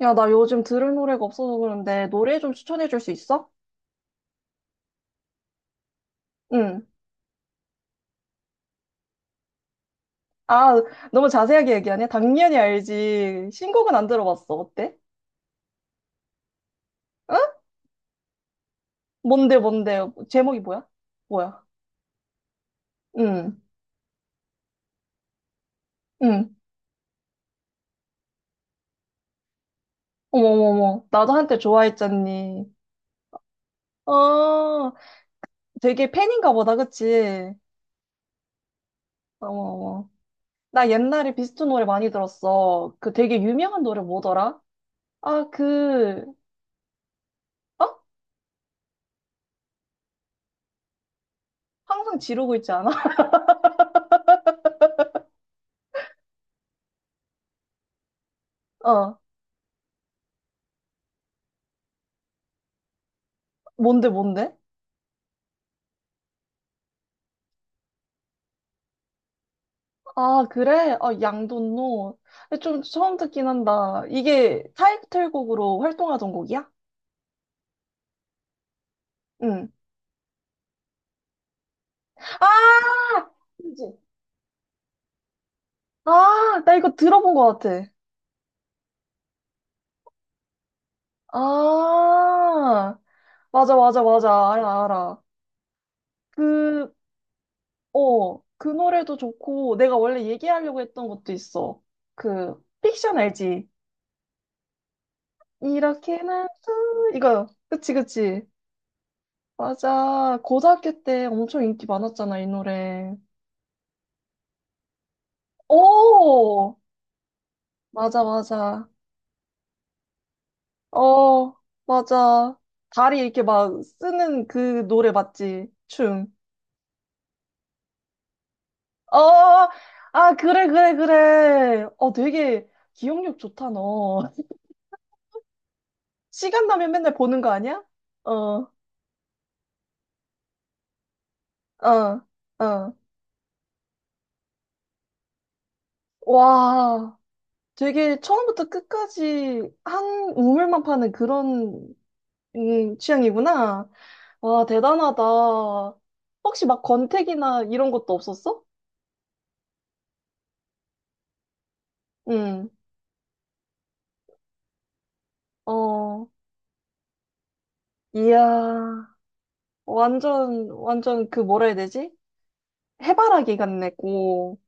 야, 나 요즘 들을 노래가 없어서 그런데 노래 좀 추천해 줄 수 있어? 응. 아, 너무 자세하게 얘기하네? 당연히 알지. 신곡은 안 들어봤어. 어때? 응? 뭔데, 뭔데? 제목이 뭐야? 뭐야? 응, 응. 어머머머. 나도 한때 좋아했잖니. 어, 되게 팬인가 보다, 그치? 어머머. 나 옛날에 비스트 노래 많이 들었어. 그 되게 유명한 노래 뭐더라? 아, 그, 어? 항상 지르고 있지 않아? 어. 뭔데, 뭔데? 아, 그래? 아, 양돈노. 근데 좀 처음 듣긴 한다. 이게 타이틀곡으로 활동하던 곡이야? 응. 아! 그지? 아, 나 이거 들어본 것 같아. 아, 맞아, 맞아, 맞아. 알아, 알아. 그, 어, 그 노래도 좋고, 내가 원래 얘기하려고 했던 것도 있어. 그, 픽션 알지? 이렇게는, 이거. 그치, 그치. 맞아. 고등학교 때 엄청 인기 많았잖아, 이 노래. 오! 맞아, 맞아. 어, 맞아. 다리 이렇게 막 쓰는 그 노래 맞지? 춤. 어, 아, 그래, 그래, 그래. 어, 되게 기억력 좋다, 너. 시간 나면 맨날 보는 거 아니야? 어, 어, 어. 와, 되게 처음부터 끝까지 한 우물만 파는 그런 취향이구나. 와, 대단하다. 혹시 막 권태기나 이런 것도 없었어? 응. 어, 이야, 완전, 완전 그 뭐라 해야 되지? 해바라기 같네고.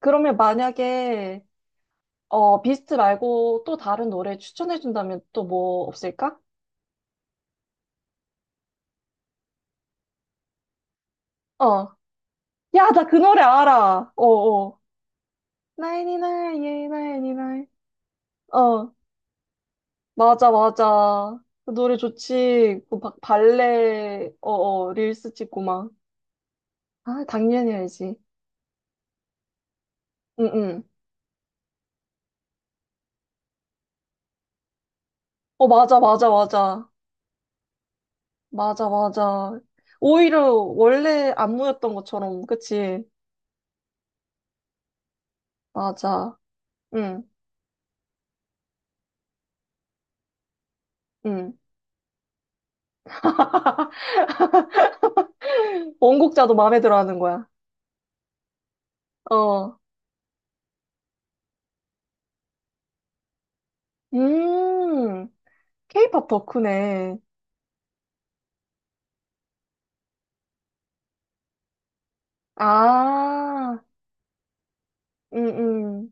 그러면 만약에, 어, 비스트 말고 또 다른 노래 추천해준다면 또 뭐 없을까? 어. 야, 나 그 노래 알아. 어, 어. 나이니 나9 예, 나이니 나9 어, 맞아, 맞아. 그 노래 좋지. 그 발레, 어, 어, 릴스 찍고 막. 아, 당연히 알지. 응, 응. 어, 맞아, 맞아, 맞아. 맞아, 맞아. 오히려 원래 안무였던 것처럼, 그치? 맞아. 응, 응. 원곡자도 마음에 들어 하는 거야. 어. 음, 케이팝 덕후네. 아, 응, 응.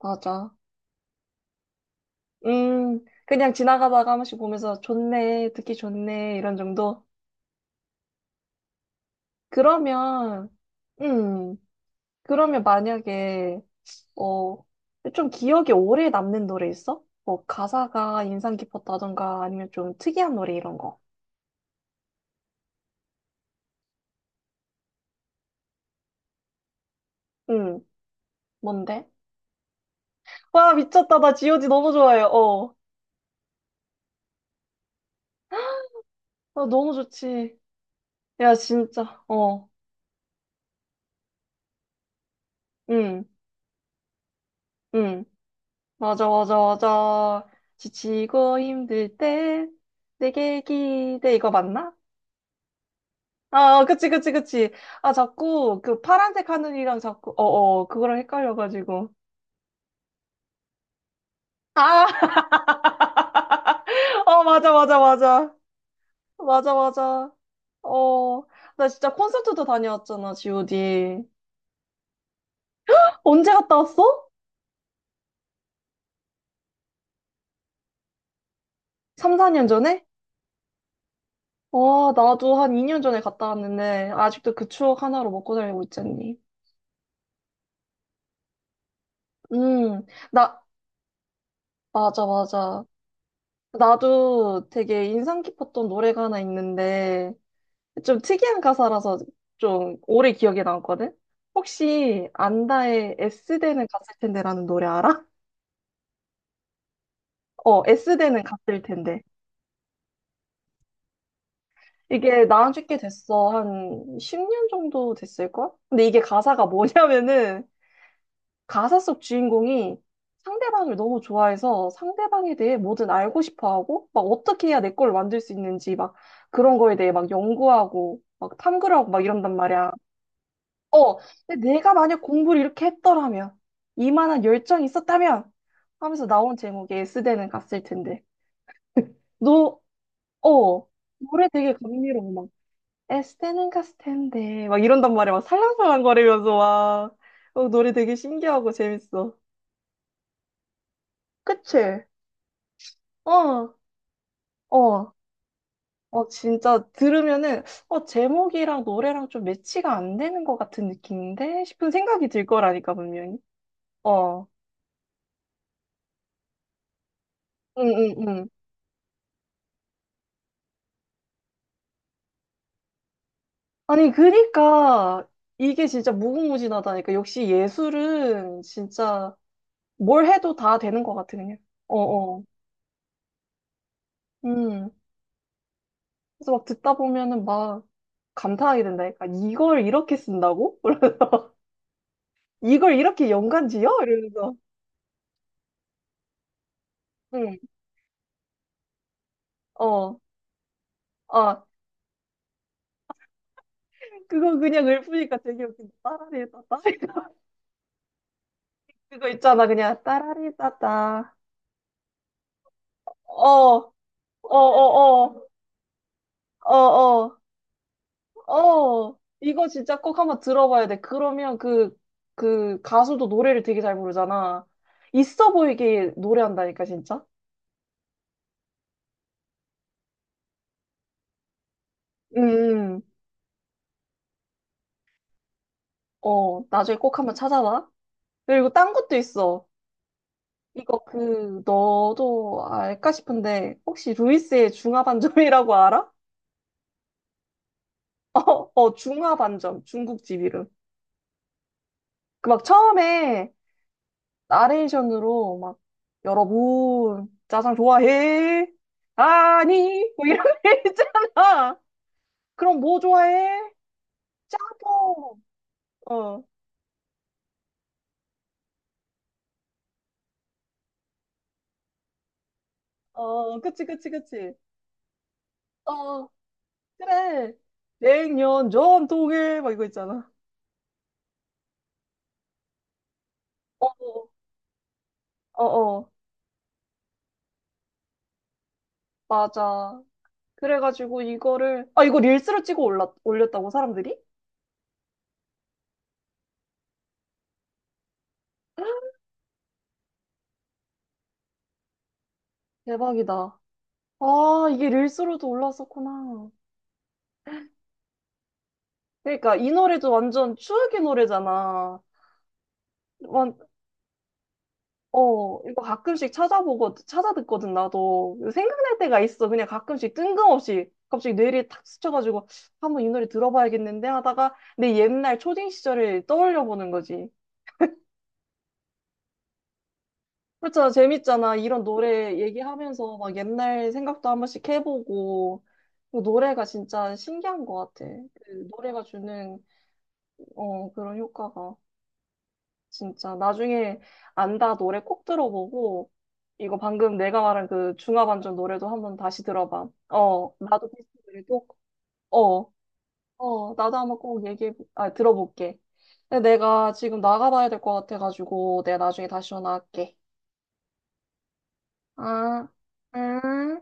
맞아. 그냥 지나가다가 한 번씩 보면서 좋네, 듣기 좋네, 이런 정도? 그러면, 음, 그러면 만약에, 어, 좀 기억에 오래 남는 노래 있어? 뭐 가사가 인상 깊었다던가 아니면 좀 특이한 노래 이런 거. 응, 뭔데? 와, 미쳤다. 나 지오지 너무 좋아해요. 어. 아, 너무 좋지. 야, 진짜. 어. 응, 응. 맞아, 맞아, 맞아. 지치고 힘들 때 내게 기대. 이거 맞나? 아, 어, 그치, 그치, 그치. 아, 자꾸 그 파란색 하늘이랑 자꾸, 어, 어, 그거랑 헷갈려가지고. 아, 어, 맞아, 맞아, 맞아. 맞아, 맞아. 어, 나 진짜 콘서트도 다녀왔잖아, GOD. 언제 갔다 왔어? 3, 4년 전에? 와 나도 한 2년 전에 갔다 왔는데, 아직도 그 추억 하나로 먹고 살고 있잖니. 음, 나, 맞아, 맞아. 나도 되게 인상 깊었던 노래가 하나 있는데, 좀 특이한 가사라서 좀 오래 기억에 남거든? 혹시 안다의 S대는 갔을 텐데라는 노래 알아? 어, S대는 갔을 텐데. 이게 나온 지 꽤 됐어. 한 10년 정도 됐을걸? 근데 이게 가사가 뭐냐면은 가사 속 주인공이 상대방을 너무 좋아해서 상대방에 대해 뭐든 알고 싶어 하고 막 어떻게 해야 내 걸 만들 수 있는지 막 그런 거에 대해 막 연구하고 막 탐구를 하고 막 이런단 말이야. 어, 근데 내가 만약 공부를 이렇게 했더라면 이만한 열정이 있었다면 하면서 나온 제목에 S대는 갔을 텐데. 너, 어, 노래 되게 감미로워. 에스테는 갔을 텐데 막 이런단 말이야 막 살랑살랑 거리면서 와 어, 노래 되게 신기하고 재밌어 그치? 어어어 어, 어, 진짜 들으면은 어 제목이랑 노래랑 좀 매치가 안 되는 것 같은 느낌인데 싶은 생각이 들 거라니까 분명히 어 응응응 아니 그니까 이게 진짜 무궁무진하다니까 역시 예술은 진짜 뭘 해도 다 되는 것 같아 그냥 어어 그래서 막 듣다 보면은 막 감탄하게 된다니까. 이걸 이렇게 쓴다고? 이걸 이렇게 연관 지어? 이러면서. 응, 어. 아, 그거 그냥 읊으니까 되게 웃긴다. 따라리따따. 그거 있잖아, 그냥 따라리따따. 어, 어, 어, 어, 어, 어, 어. 이거 진짜 꼭 한번 들어봐야 돼. 그러면 그, 그 가수도 노래를 되게 잘 부르잖아. 있어 보이게 노래한다니까, 진짜. 음, 어, 나중에 꼭 한번 찾아봐. 그리고 딴 것도 있어. 이거 그, 너도 알까 싶은데, 혹시 루이스의 중화반점이라고 알아? 어, 어, 중화반점. 중국집 이름. 그 막 처음에 나레이션으로 막, 여러분, 짜장 좋아해? 아니, 뭐 이런 게 있잖아. 그럼 뭐 좋아해? 짬뽕. 어, 어, 그치, 그치, 그치. 어, 그래. 냉면 전통에, 막 이거 있잖아. 어, 어, 어, 맞아. 그래가지고 이거를, 아, 이거 릴스로 찍어 올렸다고, 사람들이? 대박이다. 아, 이게 릴스로도 올랐었구나. 그러니까 이 노래도 완전 추억의 노래잖아. 완, 어, 이거 가끔씩 찾아보고, 찾아듣거든, 나도. 생각날 때가 있어. 그냥 가끔씩 뜬금없이. 갑자기 뇌리에 탁 스쳐가지고, 한번 이 노래 들어봐야겠는데 하다가 내 옛날 초딩 시절을 떠올려 보는 거지. 그렇잖아. 재밌잖아. 이런 노래 얘기하면서 막 옛날 생각도 한 번씩 해보고. 그 노래가 진짜 신기한 것 같아. 그 노래가 주는, 어, 그런 효과가. 진짜. 나중에 안다 노래 꼭 들어보고, 이거 방금 내가 말한 그 중화반전 노래도 한번 다시 들어봐. 어, 나도 비슷한 노래 꼭, 어, 어, 나도 한번 꼭 얘기해, 아, 들어볼게. 근데 내가 지금 나가봐야 될 것 같아가지고, 내가 나중에 다시 전화할게. 아, 응.